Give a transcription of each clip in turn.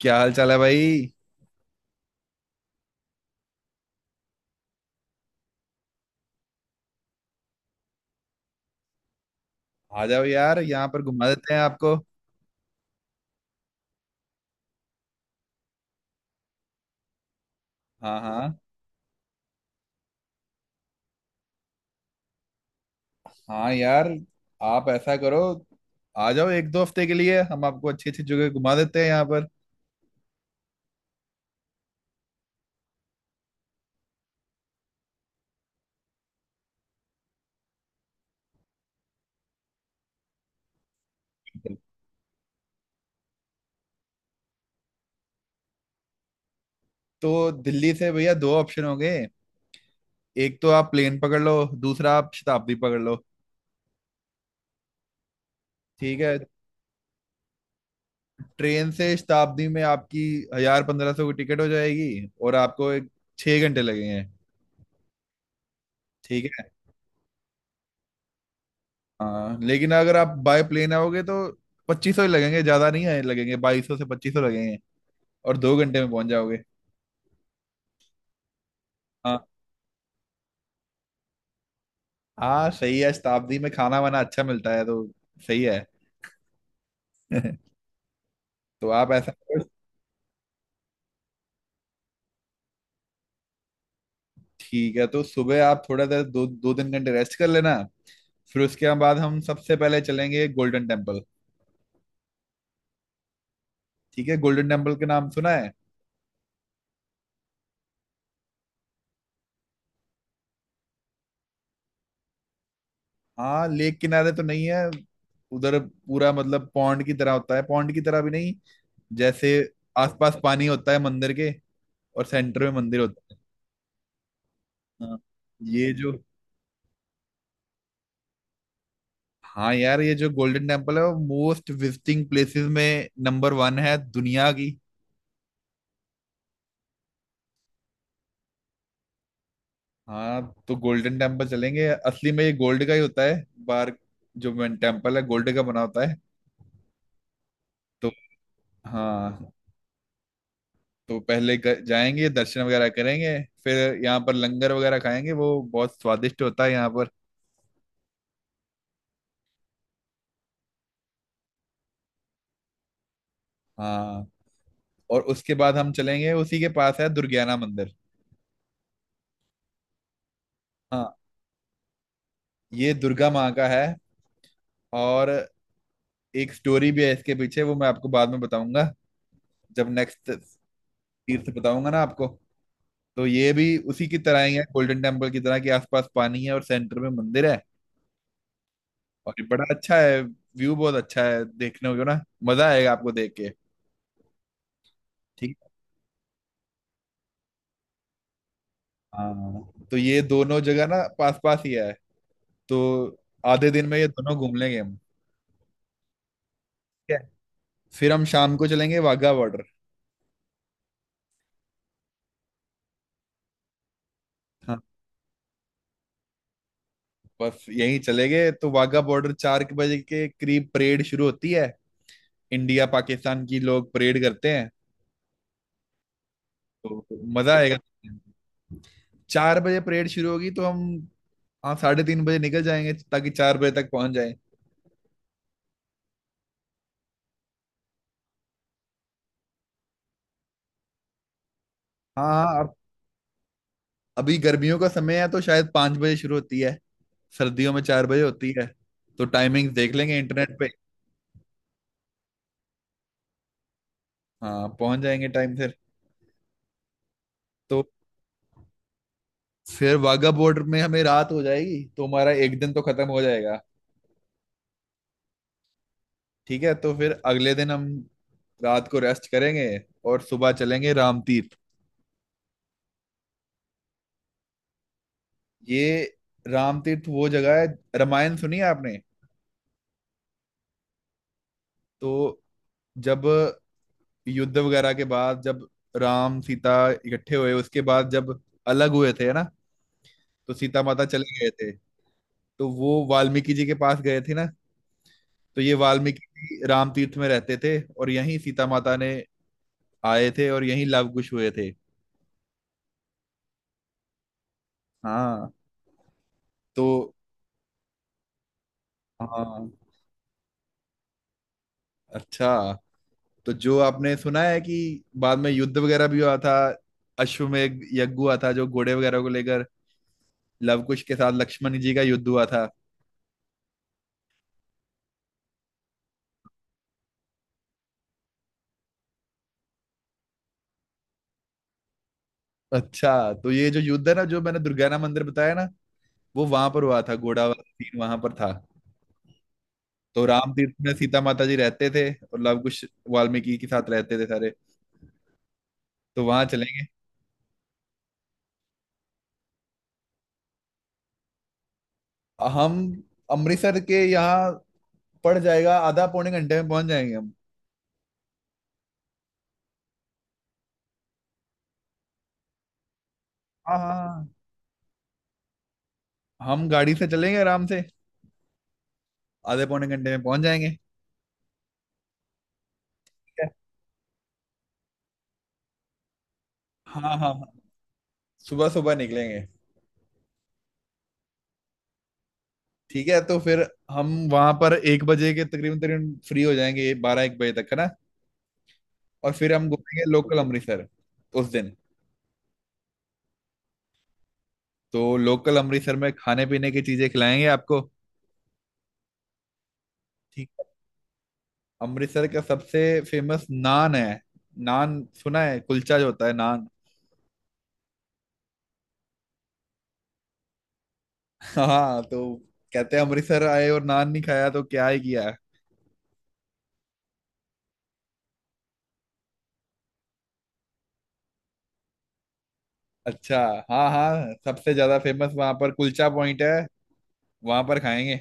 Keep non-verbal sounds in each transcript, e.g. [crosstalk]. क्या हाल चाल है भाई। आ जाओ यार, यहाँ पर घुमा देते हैं आपको। हाँ हाँ हाँ यार, आप ऐसा करो, आ जाओ। 1-2 हफ्ते के लिए हम आपको अच्छी अच्छी जगह घुमा देते हैं यहाँ पर। तो दिल्ली से भैया दो ऑप्शन हो गए। एक तो आप प्लेन पकड़ लो, दूसरा आप शताब्दी पकड़ लो। ठीक है, ट्रेन से शताब्दी में आपकी 1000-1500 की टिकट हो जाएगी, और आपको एक 6 घंटे लगेंगे। ठीक है। हाँ लेकिन अगर आप बाय प्लेन आओगे तो 2500 ही लगेंगे, ज्यादा नहीं है, लगेंगे 2200 से 2500 लगेंगे, और 2 घंटे में पहुंच जाओगे। हाँ हाँ, सही है, शताब्दी में खाना वाना अच्छा मिलता है तो। सही है। [laughs] तो आप ऐसा करो। ठीक है, तो सुबह आप थोड़ा देर 2-3 घंटे रेस्ट कर लेना, फिर उसके बाद हम सबसे पहले चलेंगे गोल्डन टेम्पल। ठीक है, गोल्डन टेम्पल के नाम सुना है। हाँ लेक किनारे तो नहीं है। उधर पूरा मतलब पॉन्ड की तरह होता है, पॉन्ड की तरह भी नहीं, जैसे आसपास पानी होता है मंदिर के, और सेंटर में मंदिर होता है। हाँ। ये जो हाँ यार, ये जो गोल्डन टेम्पल है वो मोस्ट विजिटिंग प्लेसेस में नंबर 1 है दुनिया की। हाँ तो गोल्डन टेम्पल चलेंगे। असली में ये गोल्ड का ही होता है बाहर, जो मेन टेम्पल है गोल्ड का बना होता है। तो हाँ। तो पहले जाएंगे दर्शन वगैरह करेंगे, फिर यहाँ पर लंगर वगैरह खाएंगे, वो बहुत स्वादिष्ट होता है यहाँ पर। हाँ, और उसके बाद हम चलेंगे उसी के पास है दुर्गियाना मंदिर। हाँ, ये दुर्गा माँ का है, और एक स्टोरी भी है इसके पीछे, वो मैं आपको बाद में बताऊंगा, जब नेक्स्ट तीर्थ बताऊंगा ना आपको। तो ये भी उसी की तरह ही है, गोल्डन टेम्पल की तरह के आसपास पानी है और सेंटर में मंदिर है। और ये बड़ा अच्छा है, व्यू बहुत अच्छा है देखने को ना, मजा आएगा आपको देख के। ठीक है। हाँ तो ये दोनों जगह ना पास पास ही है, तो आधे दिन में ये दोनों घूम लेंगे हम। ठीक है। फिर हम शाम को चलेंगे वाघा बॉर्डर। हाँ, बस यहीं चले गए तो। वाघा बॉर्डर चार के बजे के करीब परेड शुरू होती है। इंडिया पाकिस्तान की लोग परेड करते हैं, तो मजा आएगा। 4 बजे परेड शुरू होगी तो हम। हाँ, 3:30 बजे निकल जाएंगे ताकि 4 बजे तक पहुंच जाए। हाँ हाँ, अब अभी गर्मियों का समय है तो शायद 5 बजे शुरू होती है, सर्दियों में 4 बजे होती है। तो टाइमिंग देख लेंगे इंटरनेट पे। हाँ, पहुंच जाएंगे टाइम से। तो फिर वाघा बॉर्डर में हमें रात हो जाएगी, तो हमारा 1 दिन तो खत्म हो जाएगा। ठीक है, तो फिर अगले दिन हम रात को रेस्ट करेंगे और सुबह चलेंगे राम तीर्थ। ये राम तीर्थ वो जगह है। रामायण सुनी है आपने। तो जब युद्ध वगैरह के बाद, जब राम सीता इकट्ठे हुए उसके बाद जब अलग हुए थे ना, तो सीता माता चले गए थे, तो वो वाल्मीकि जी के पास गए थे ना, तो ये वाल्मीकि जी राम तीर्थ में रहते थे और यहीं सीता माता ने आए थे और यहीं लव कुश हुए थे। हाँ। तो हाँ। अच्छा, तो जो आपने सुना है कि बाद में युद्ध वगैरह भी हुआ था, अश्वमेध यज्ञ हुआ था, जो घोड़े वगैरह को लेकर लवकुश के साथ लक्ष्मण जी का युद्ध हुआ था। अच्छा, तो ये जो युद्ध है ना, जो मैंने दुर्गाना मंदिर बताया ना, वो वहां पर हुआ था, घोड़ा वाला सीन वहां पर था। तो राम तीर्थ में सीता माता जी रहते थे और लव कुश वाल्मीकि के साथ रहते थे सारे। तो वहां चलेंगे। हम अमृतसर के यहाँ पड़ जाएगा। आधा पौने घंटे में पहुंच जाएंगे हम। हाँ हाँ। हाँ। हम गाड़ी से चलेंगे आराम से, आधे पौने घंटे में पहुंच जाएंगे। ठीक है। हाँ हाँ हाँ, सुबह सुबह निकलेंगे। ठीक है, तो फिर हम वहां पर 1 बजे के तकरीबन तकरीबन फ्री हो जाएंगे, 12-1 बजे तक, है ना, और फिर हम घूमेंगे लोकल अमृतसर उस दिन। तो लोकल अमृतसर में खाने पीने की चीजें खिलाएंगे आपको। ठीक है, अमृतसर का सबसे फेमस नान है। नान सुना है, कुलचा जो होता है नान। [laughs] हाँ, तो कहते हैं अमृतसर आए और नान नहीं खाया तो क्या ही किया। अच्छा, हाँ हाँ, सबसे ज्यादा फेमस वहां पर कुलचा पॉइंट है, वहां पर खाएंगे।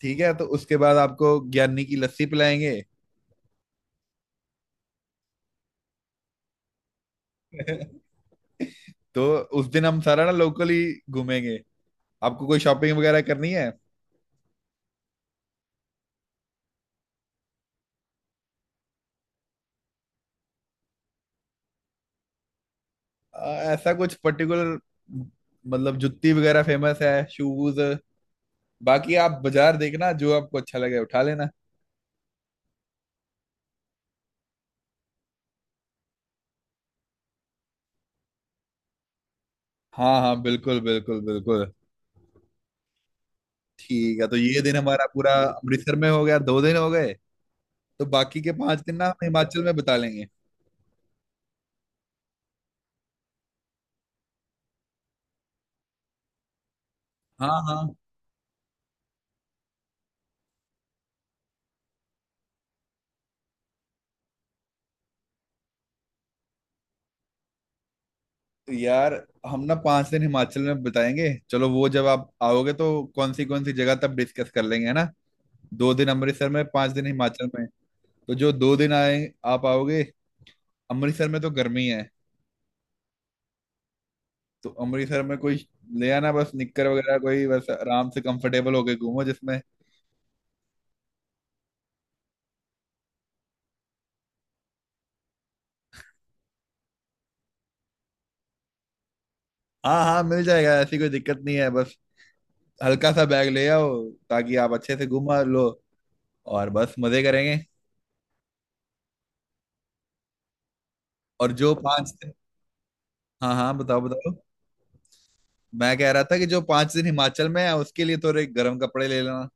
ठीक है, तो उसके बाद आपको ज्ञानी की लस्सी पिलाएंगे। [laughs] तो उस दिन हम सारा ना लोकली घूमेंगे। आपको कोई शॉपिंग वगैरह करनी है। ऐसा कुछ पर्टिकुलर, मतलब जुत्ती वगैरह फेमस है, शूज। बाकी आप बाजार देखना, जो आपको अच्छा लगे उठा लेना। हाँ हाँ, बिल्कुल बिल्कुल बिल्कुल। ठीक है, तो ये दिन हमारा पूरा अमृतसर में हो गया, 2 दिन हो गए। तो बाकी के 5 दिन ना हम हिमाचल में बिता लेंगे। हाँ हाँ। तो यार, हम ना 5 दिन हिमाचल में बिताएंगे, चलो वो जब आप आओगे तो कौन सी जगह तब डिस्कस कर लेंगे, है ना। 2 दिन अमृतसर में, 5 दिन हिमाचल में। तो जो 2 दिन आए, आप आओगे अमृतसर में तो गर्मी है, तो अमृतसर में कोई ले आना बस, निक्कर वगैरह कोई, बस आराम से कंफर्टेबल होके घूमो जिसमें। हाँ हाँ, मिल जाएगा, ऐसी कोई दिक्कत नहीं है, बस हल्का सा बैग ले आओ, ताकि आप अच्छे से घुमा लो, और बस मजे करेंगे। और जो 5 दिन। हाँ हाँ, बताओ बताओ। मैं कह रहा था कि जो 5 दिन हिमाचल में है उसके लिए थोड़े गर्म कपड़े ले लेना।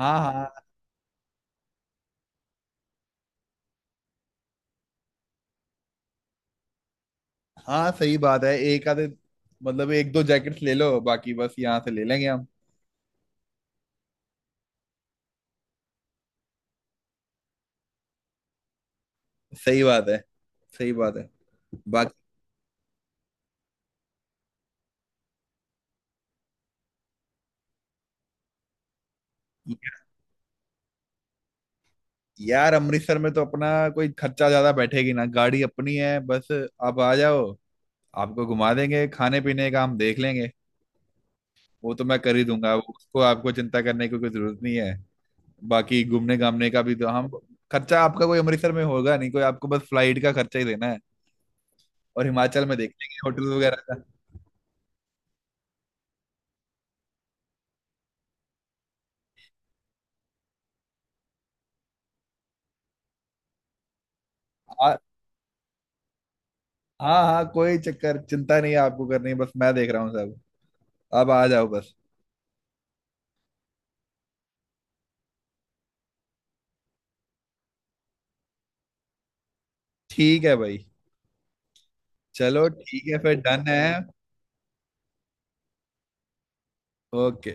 हाँ हाँ हाँ, सही बात है, एक आधे, मतलब 1-2 जैकेट्स ले लो, बाकी बस यहाँ से ले लेंगे हम। सही बात है, सही बात है। बाकी यार अमृतसर में तो अपना कोई खर्चा ज्यादा बैठेगी ना, गाड़ी अपनी है, बस आप आ जाओ, आपको घुमा देंगे, खाने पीने का हम देख लेंगे, वो तो मैं कर ही दूंगा। उसको आपको चिंता करने की कोई जरूरत नहीं है। बाकी घूमने घामने का भी तो हम, खर्चा आपका कोई अमृतसर में होगा नहीं कोई, आपको बस फ्लाइट का खर्चा ही देना है, और हिमाचल में देख लेंगे होटल वगैरह का। आ- हाँ हाँ, कोई चक्कर चिंता नहीं है आपको करनी, बस मैं देख रहा हूँ सब, आप आ जाओ बस। ठीक है भाई, चलो ठीक है फिर, डन है। ओके।